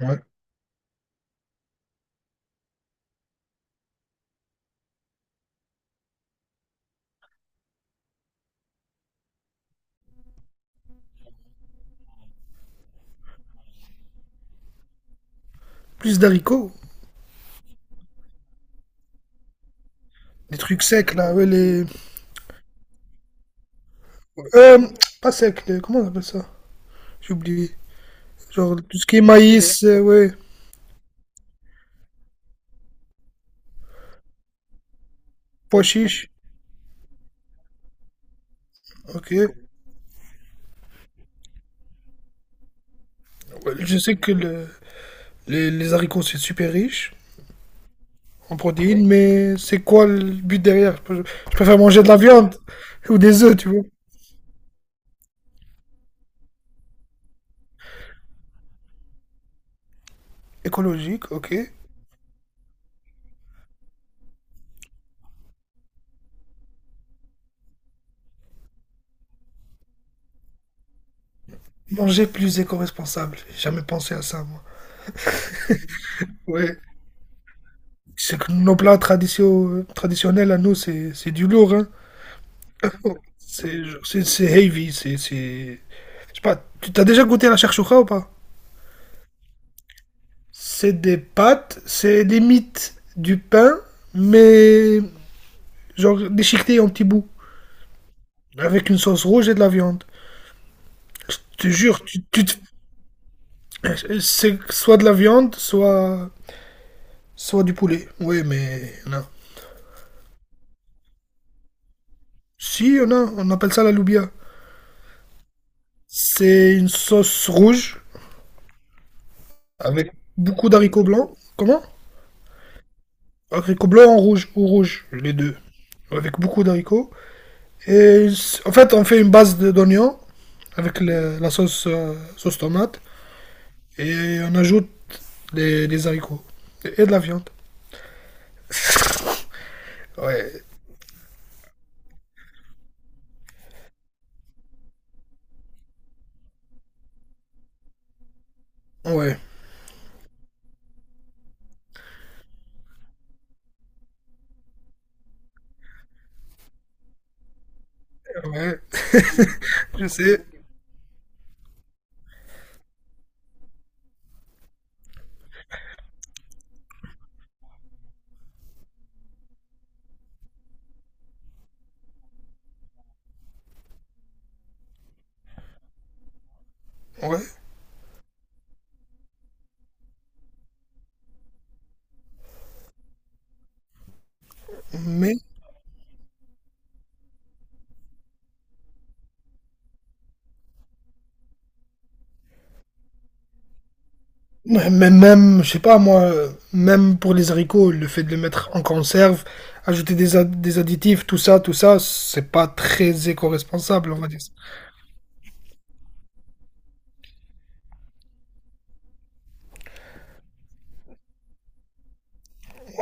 Ouais. Plus d'haricots, des trucs secs là, ouais, les. Euh, Pas secs, comment on appelle ça? J'ai oublié. Genre tout ce qui est maïs, ouais, pois chiche. Ok. Ouais, je sais que les haricots c'est super riche en protéines, mais c'est quoi le but derrière? Je préfère manger de la viande ou des œufs, tu vois. Écologique, ok. Manger plus éco-responsable. J'ai jamais pensé à ça, moi. Ouais. C'est que nos plats traditionnels à nous, c'est du lourd, hein. C'est heavy, c'est. Je sais pas, tu t'as déjà goûté à la shakshuka ou pas? C'est des pâtes, c'est limite du pain, mais genre déchiqueté en petits bouts, avec une sauce rouge et de la viande. Je te jure, c'est soit de la viande, soit, soit du poulet. Oui, mais non. Si, on a, on appelle ça la loubia. C'est une sauce rouge, avec beaucoup d'haricots blancs. Comment? Haricots blancs en rouge, ou rouge, les deux. Avec beaucoup d'haricots. Et en fait, on fait une base d'oignons avec la sauce, sauce tomate et on ajoute des haricots et de la viande. Ouais, ouais, ouais, je sais, ouais. Mais, mais même, je sais pas moi, même pour les haricots, le fait de les mettre en conserve, ajouter des, des additifs, tout ça, c'est pas très éco-responsable, on va dire.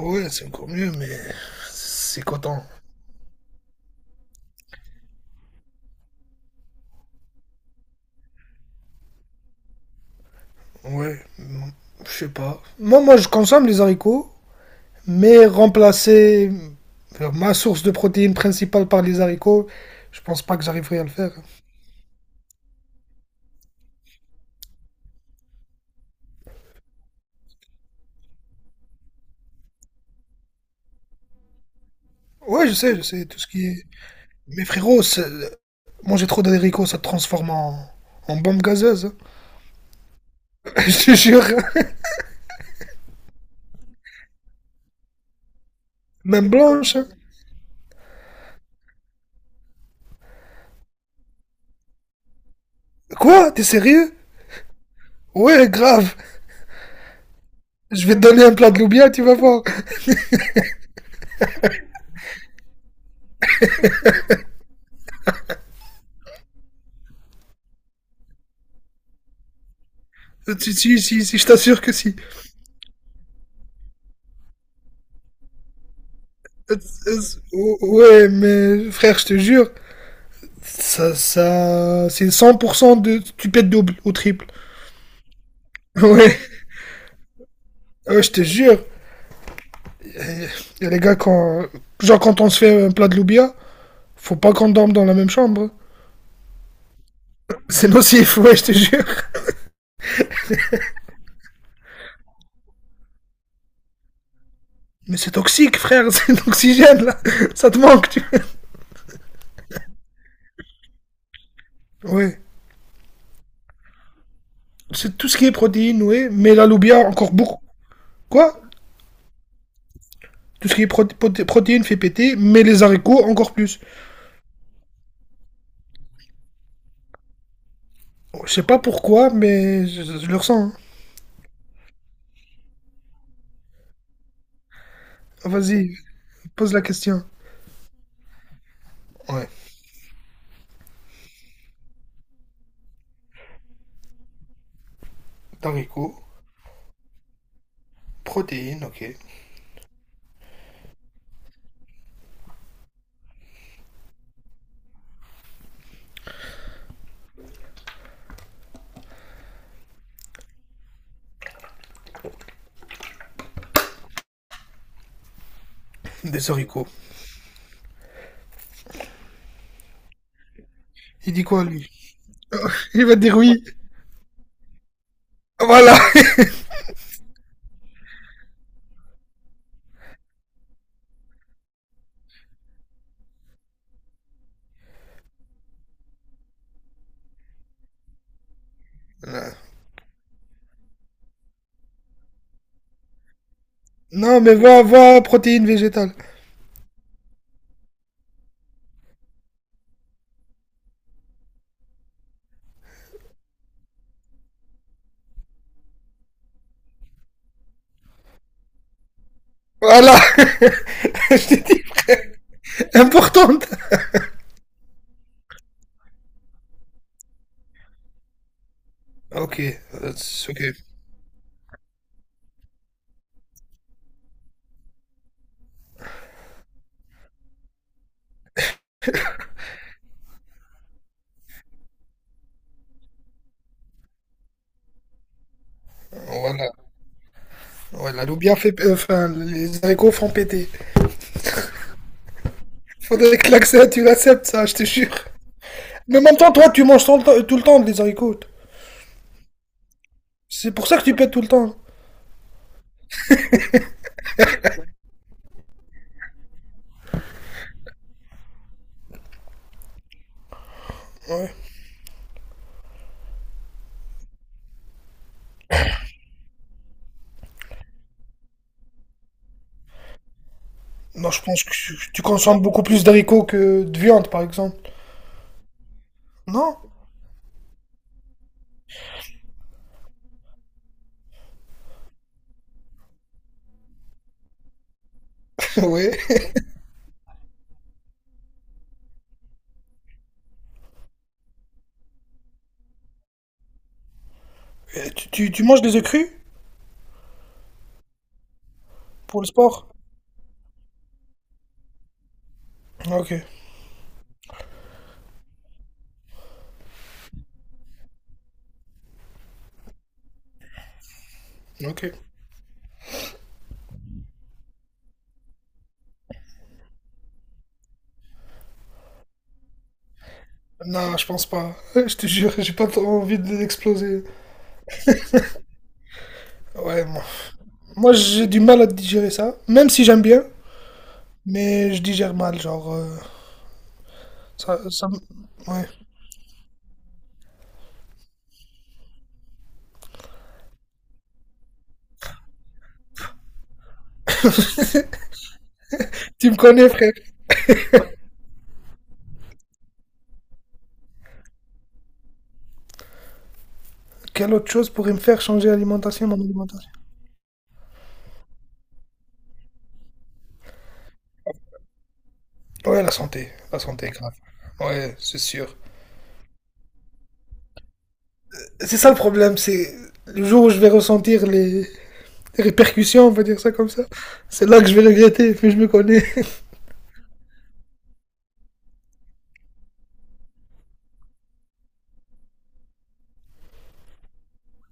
Ouais, c'est encore mieux, mais c'est coton. Ouais, je sais pas. Moi, moi, je consomme les haricots. Mais remplacer ma source de protéines principale par les haricots, je pense pas que j'arriverai à le faire. Ouais, je sais, tout ce qui est. Mais frérot, manger trop d'haricots, ça te transforme en, en bombe gazeuse, hein. Je te jure, même blanche, hein. Quoi? T'es sérieux? Ouais, grave. Je vais te donner un plat de loubia, tu vas voir. Si, si, si, si, je t'assure que si. Euh, Ouais, mais frère, je te jure, ça, c'est 100% de, tu pètes double ou triple. Ouais. Ouais, je te jure. Et les gars, quand, genre, quand on se fait un plat de loubia, faut pas qu'on dorme dans la même chambre. C'est nocif, ouais, je te jure. Mais c'est toxique, frère, c'est l'oxygène, là. Ça te manque, tu vois. Ouais. C'est tout ce qui est protéines, ouais, mais la loubia, encore beaucoup. Quoi? Tout ce qui est protéines fait péter, mais les haricots, encore plus. Oh, je sais pas pourquoi, mais je le ressens, hein. Vas-y, pose la question. Ouais, haricots, protéines, ok. Des haricots. Il dit quoi, lui? Il va dire oui. Voilà. Non, mais va, va, protéines végétales. Voilà, importante. Ok, c'est ok. Voilà. Voilà, l'eau bien fait, enfin, les haricots font péter. Faudrait que l'accès, tu l'acceptes, ça, je te jure. Mais en même temps, toi, tu manges tout le temps des haricots. C'est pour ça que tu pètes tout le temps. Ouais. Non, je pense que tu consommes beaucoup plus d'haricots que de viande, par exemple. Non? Oui. Tu manges des œufs crus pour le sport? Ok, ok. Non, je pense pas. Je te jure, j'ai pas trop envie de l'exploser. Ouais, moi, moi, j'ai du mal à digérer ça, même si j'aime bien, mais je digère mal, genre. Ouais. Tu me connais, frère. Quelle autre chose pourrait me faire changer l'alimentation, mon alimentation? Ouais, la santé. La santé, grave. Ouais, c'est sûr. C'est ça le problème, c'est le jour où je vais ressentir les répercussions, on va dire ça comme ça, c'est là que je vais regretter, mais je me connais.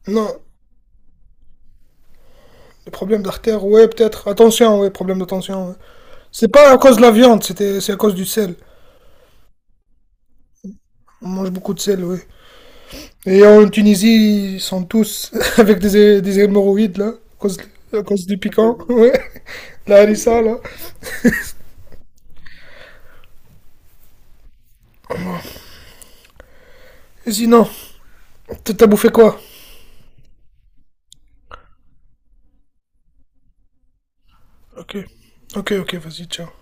Non, le problème d'artère, ouais, peut-être. Attention, ouais, problème d'attention, ouais. C'est pas à cause de la viande, c'est à cause du sel. On mange beaucoup de sel, ouais. Et en Tunisie, ils sont tous avec des hémorroïdes, là, à cause du piquant. Ouais, la harissa, là. Et sinon, t'as bouffé quoi? Ok, ok, ok, vas-y, ciao.